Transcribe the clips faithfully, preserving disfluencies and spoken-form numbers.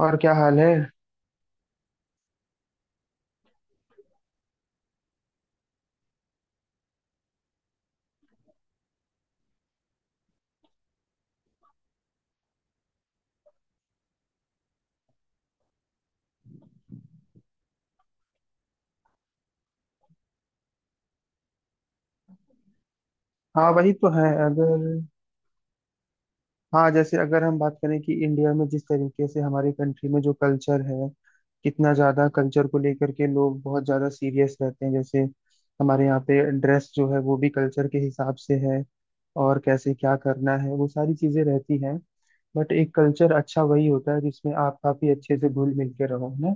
और क्या हाल है। हाँ, वही तो है। अगर हाँ, जैसे अगर हम बात करें कि इंडिया में जिस तरीके से हमारी कंट्री में जो कल्चर है, कितना ज्यादा कल्चर को लेकर के लोग बहुत ज्यादा सीरियस रहते हैं। जैसे हमारे यहाँ पे ड्रेस जो है वो भी कल्चर के हिसाब से है, और कैसे क्या करना है वो सारी चीजें रहती हैं। बट एक कल्चर अच्छा वही होता है जिसमें आप काफी अच्छे से घुल मिल के रहो, है ना।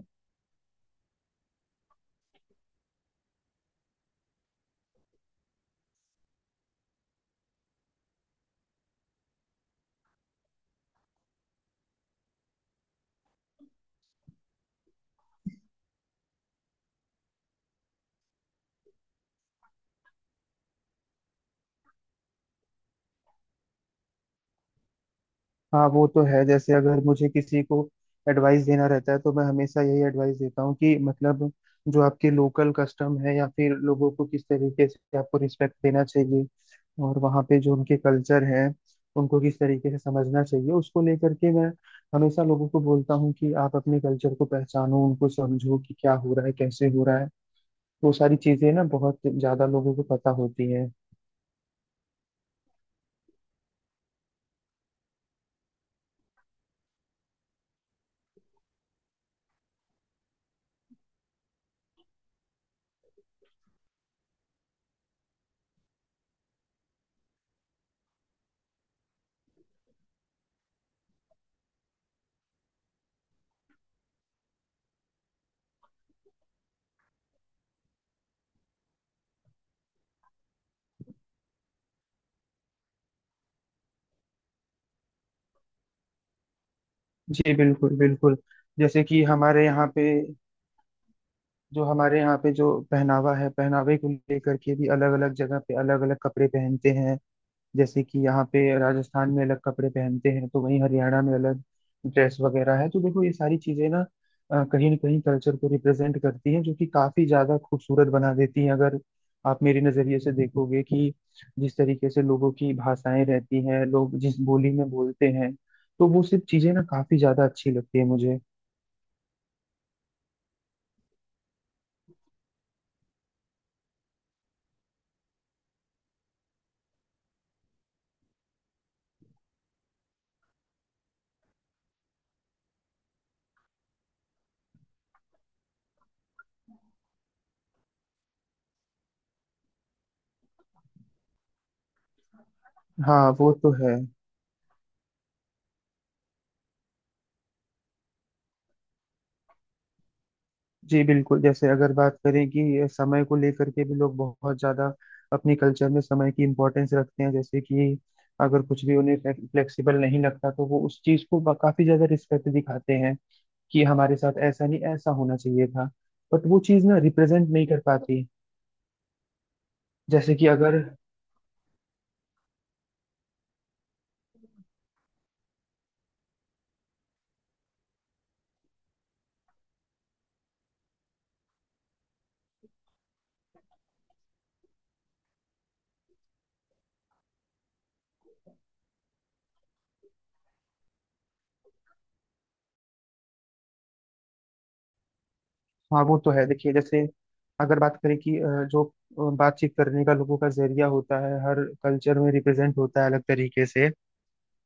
हाँ वो तो है। जैसे अगर मुझे किसी को एडवाइस देना रहता है तो मैं हमेशा यही एडवाइस देता हूँ कि मतलब जो आपके लोकल कस्टम है या फिर लोगों को किस तरीके से आपको रिस्पेक्ट देना चाहिए और वहाँ पे जो उनके कल्चर हैं उनको किस तरीके से समझना चाहिए, उसको लेकर के मैं हमेशा लोगों को बोलता हूँ कि आप अपने कल्चर को पहचानो, उनको समझो कि क्या हो रहा है, कैसे हो रहा है। वो सारी चीजें ना बहुत ज्यादा लोगों को पता होती हैं। जी बिल्कुल बिल्कुल। जैसे कि हमारे यहाँ पे जो हमारे यहाँ पे जो पहनावा है, पहनावे को लेकर के भी अलग अलग जगह पे अलग अलग कपड़े पहनते हैं। जैसे कि यहाँ पे राजस्थान में अलग कपड़े पहनते हैं तो वहीं हरियाणा में अलग ड्रेस वगैरह है। तो देखो ये सारी चीजें ना अ, कहीं ना कहीं कल्चर को रिप्रेजेंट करती हैं, जो कि काफी ज्यादा खूबसूरत बना देती हैं। अगर आप मेरे नजरिए से देखोगे कि जिस तरीके से लोगों की भाषाएं रहती हैं, लोग जिस बोली में बोलते हैं, तो वो सब चीजें ना काफी ज्यादा अच्छी लगती है मुझे। हाँ वो तो है। जी बिल्कुल। जैसे अगर बात करें कि ये समय को लेकर के भी लोग बहुत ज्यादा अपने कल्चर में समय की इम्पोर्टेंस रखते हैं। जैसे कि अगर कुछ भी उन्हें फ्लेक्सिबल नहीं लगता तो वो उस चीज को बा- काफी ज्यादा रिस्पेक्ट दिखाते हैं कि हमारे साथ ऐसा नहीं, ऐसा होना चाहिए था। बट वो चीज ना रिप्रेजेंट नहीं कर पाती। जैसे कि अगर हाँ वो तो है। देखिए, जैसे अगर बात करें कि अ, जो अ, बातचीत करने का लोगों का जरिया होता है, हर कल्चर में रिप्रेजेंट होता है अलग तरीके से,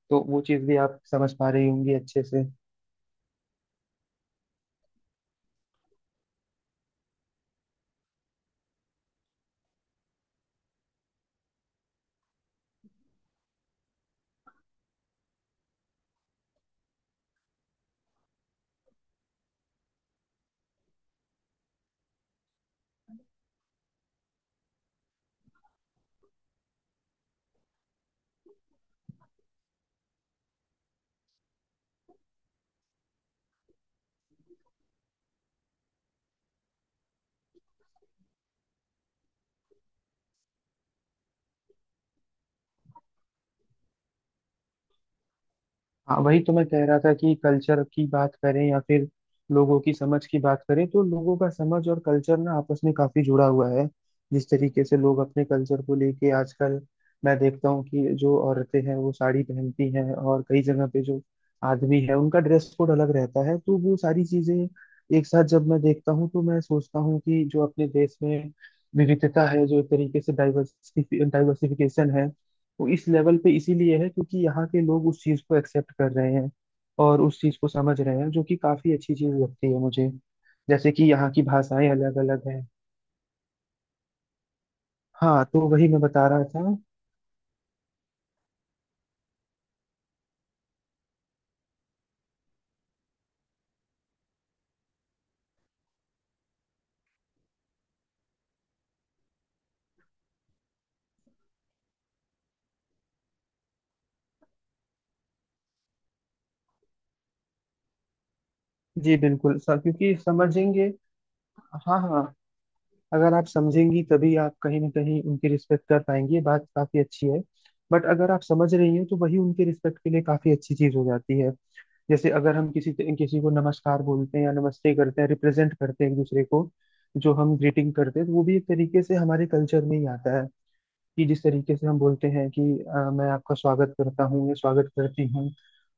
तो वो चीज भी आप समझ पा रही होंगी अच्छे से। हाँ वही तो मैं कह रहा था कि कल्चर की बात करें या फिर लोगों की समझ की बात करें, तो लोगों का समझ और कल्चर ना आपस में काफी जुड़ा हुआ है। जिस तरीके से लोग अपने कल्चर को लेके आजकल मैं देखता हूँ कि जो औरतें हैं वो साड़ी पहनती हैं, और कई जगह पे जो आदमी है उनका ड्रेस कोड अलग रहता है। तो वो सारी चीजें एक साथ जब मैं देखता हूँ तो मैं सोचता हूँ कि जो अपने देश में विविधता है, जो एक तरीके से डाइवर्सिफिकेशन है, वो इस लेवल पे इसीलिए है क्योंकि यहाँ के लोग उस चीज को एक्सेप्ट कर रहे हैं और उस चीज को समझ रहे हैं, जो कि काफी अच्छी चीज लगती है मुझे। जैसे कि यहाँ की भाषाएं अलग अलग हैं। हाँ तो वही मैं बता रहा था। जी बिल्कुल सर, क्योंकि समझेंगे। हाँ हाँ, अगर आप समझेंगी तभी आप कहीं ना कहीं उनकी रिस्पेक्ट कर पाएंगी, ये बात काफी अच्छी है। बट अगर आप समझ रही हैं तो वही उनके रिस्पेक्ट के लिए काफी अच्छी चीज हो जाती है। जैसे अगर हम किसी किसी को नमस्कार बोलते हैं या नमस्ते करते हैं, रिप्रेजेंट करते हैं एक दूसरे को, जो हम ग्रीटिंग करते हैं, तो वो भी एक तरीके से हमारे कल्चर में ही आता है। कि जिस तरीके से हम बोलते हैं कि अ, मैं आपका स्वागत करता हूँ या स्वागत करती हूँ,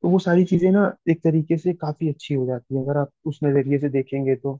तो वो सारी चीजें ना एक तरीके से काफी अच्छी हो जाती है अगर आप उस नजरिए से देखेंगे तो।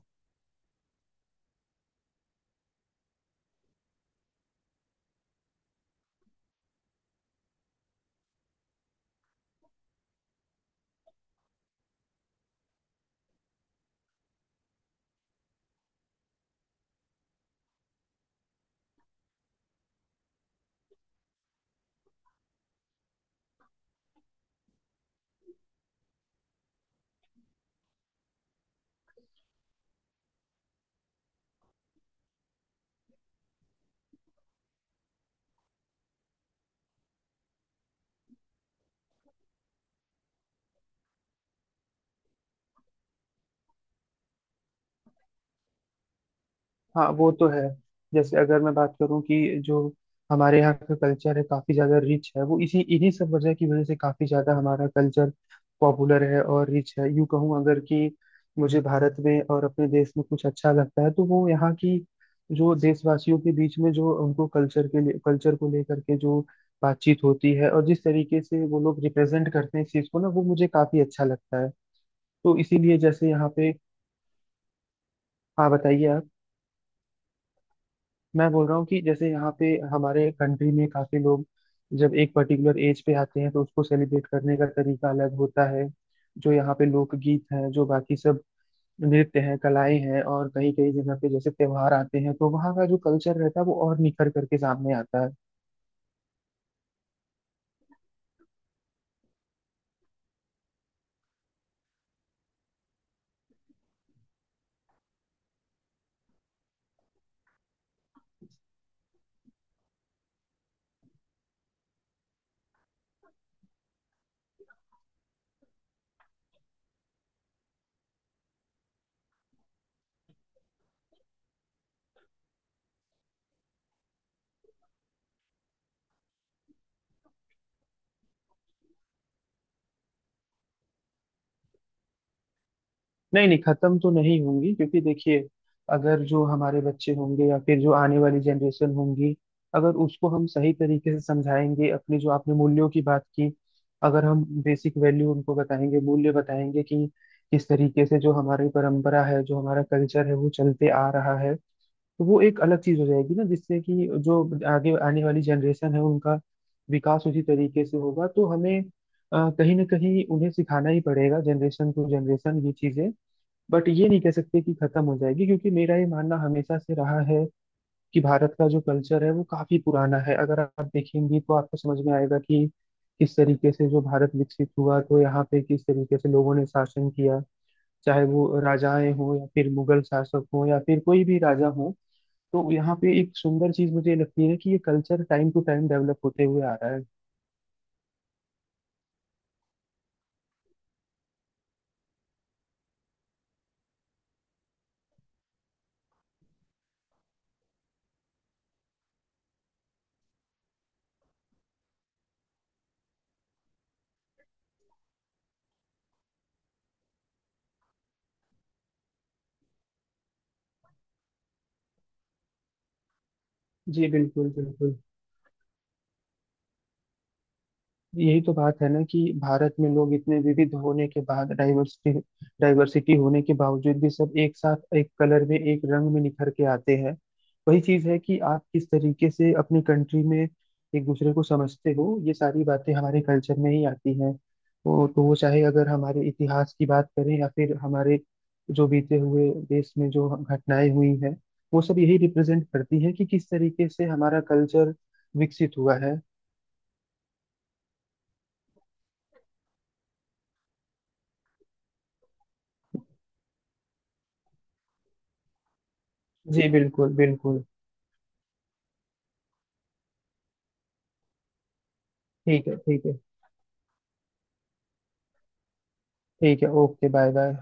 हाँ वो तो है। जैसे अगर मैं बात करूँ कि जो हमारे यहाँ का कल्चर है काफी ज्यादा रिच है, वो इसी इन्हीं सब वजह की वजह से काफी ज्यादा हमारा कल्चर पॉपुलर है और रिच है। यूं कहूँ अगर कि मुझे भारत में और अपने देश में कुछ अच्छा लगता है तो वो यहाँ की जो देशवासियों के बीच में जो उनको कल्चर के लिए कल्चर को लेकर के जो बातचीत होती है और जिस तरीके से वो लोग रिप्रेजेंट करते हैं इस चीज को ना, वो मुझे काफी अच्छा लगता है। तो इसीलिए जैसे यहाँ पे हाँ, बताइए आप। मैं बोल रहा हूँ कि जैसे यहाँ पे हमारे कंट्री में काफी लोग जब एक पर्टिकुलर एज पे आते हैं तो उसको सेलिब्रेट करने का तरीका अलग होता है। जो यहाँ पे लोकगीत हैं, जो बाकी सब नृत्य हैं, कलाएं हैं, और कई कई जगह पे जैसे त्योहार आते हैं तो वहाँ का जो कल्चर रहता है वो और निखर करके सामने आता है। नहीं नहीं, खत्म तो नहीं होंगी, क्योंकि देखिए अगर जो हमारे बच्चे होंगे या फिर जो आने वाली जनरेशन होंगी, अगर उसको हम सही तरीके से समझाएंगे, अपने जो आपने मूल्यों की बात की, अगर हम बेसिक वैल्यू उनको बताएंगे, मूल्य बताएंगे कि किस तरीके से जो हमारी परंपरा है, जो हमारा कल्चर है, वो चलते आ रहा है, तो वो एक अलग चीज हो जाएगी ना, जिससे कि जो आगे आने वाली जनरेशन है उनका विकास उसी तरीके से होगा। तो हमें अ, कहीं ना कहीं उन्हें सिखाना ही पड़ेगा जनरेशन टू जनरेशन ये चीजें। बट ये नहीं कह सकते कि खत्म हो जाएगी, क्योंकि मेरा ये मानना हमेशा से रहा है कि भारत का जो कल्चर है वो काफी पुराना है। अगर आप देखेंगी तो आपको समझ में आएगा कि किस तरीके से जो भारत विकसित हुआ, तो यहाँ पे किस तरीके से लोगों ने शासन किया, चाहे वो राजाएं हों या फिर मुगल शासक हों या फिर कोई भी राजा हो, तो यहाँ पे एक सुंदर चीज मुझे लगती है कि ये culture time to time develop होते हुए आ रहा है। जी बिल्कुल बिल्कुल। यही तो बात है ना कि भारत में लोग इतने विविध होने के बाद डाइवर्सिटी डाइवर्सिटी होने के बावजूद भी सब एक साथ एक कलर में एक रंग में निखर के आते हैं। वही चीज है कि आप किस तरीके से अपनी कंट्री में एक दूसरे को समझते हो, ये सारी बातें हमारे कल्चर में ही आती हैं। वो तो वो चाहे अगर हमारे इतिहास की बात करें या फिर हमारे जो बीते हुए देश में जो घटनाएं हुई हैं, वो सब यही रिप्रेजेंट करती है कि किस तरीके से हमारा कल्चर विकसित हुआ है। जी बिल्कुल बिल्कुल। ठीक है ठीक है। ठीक है, ओके, बाय बाय।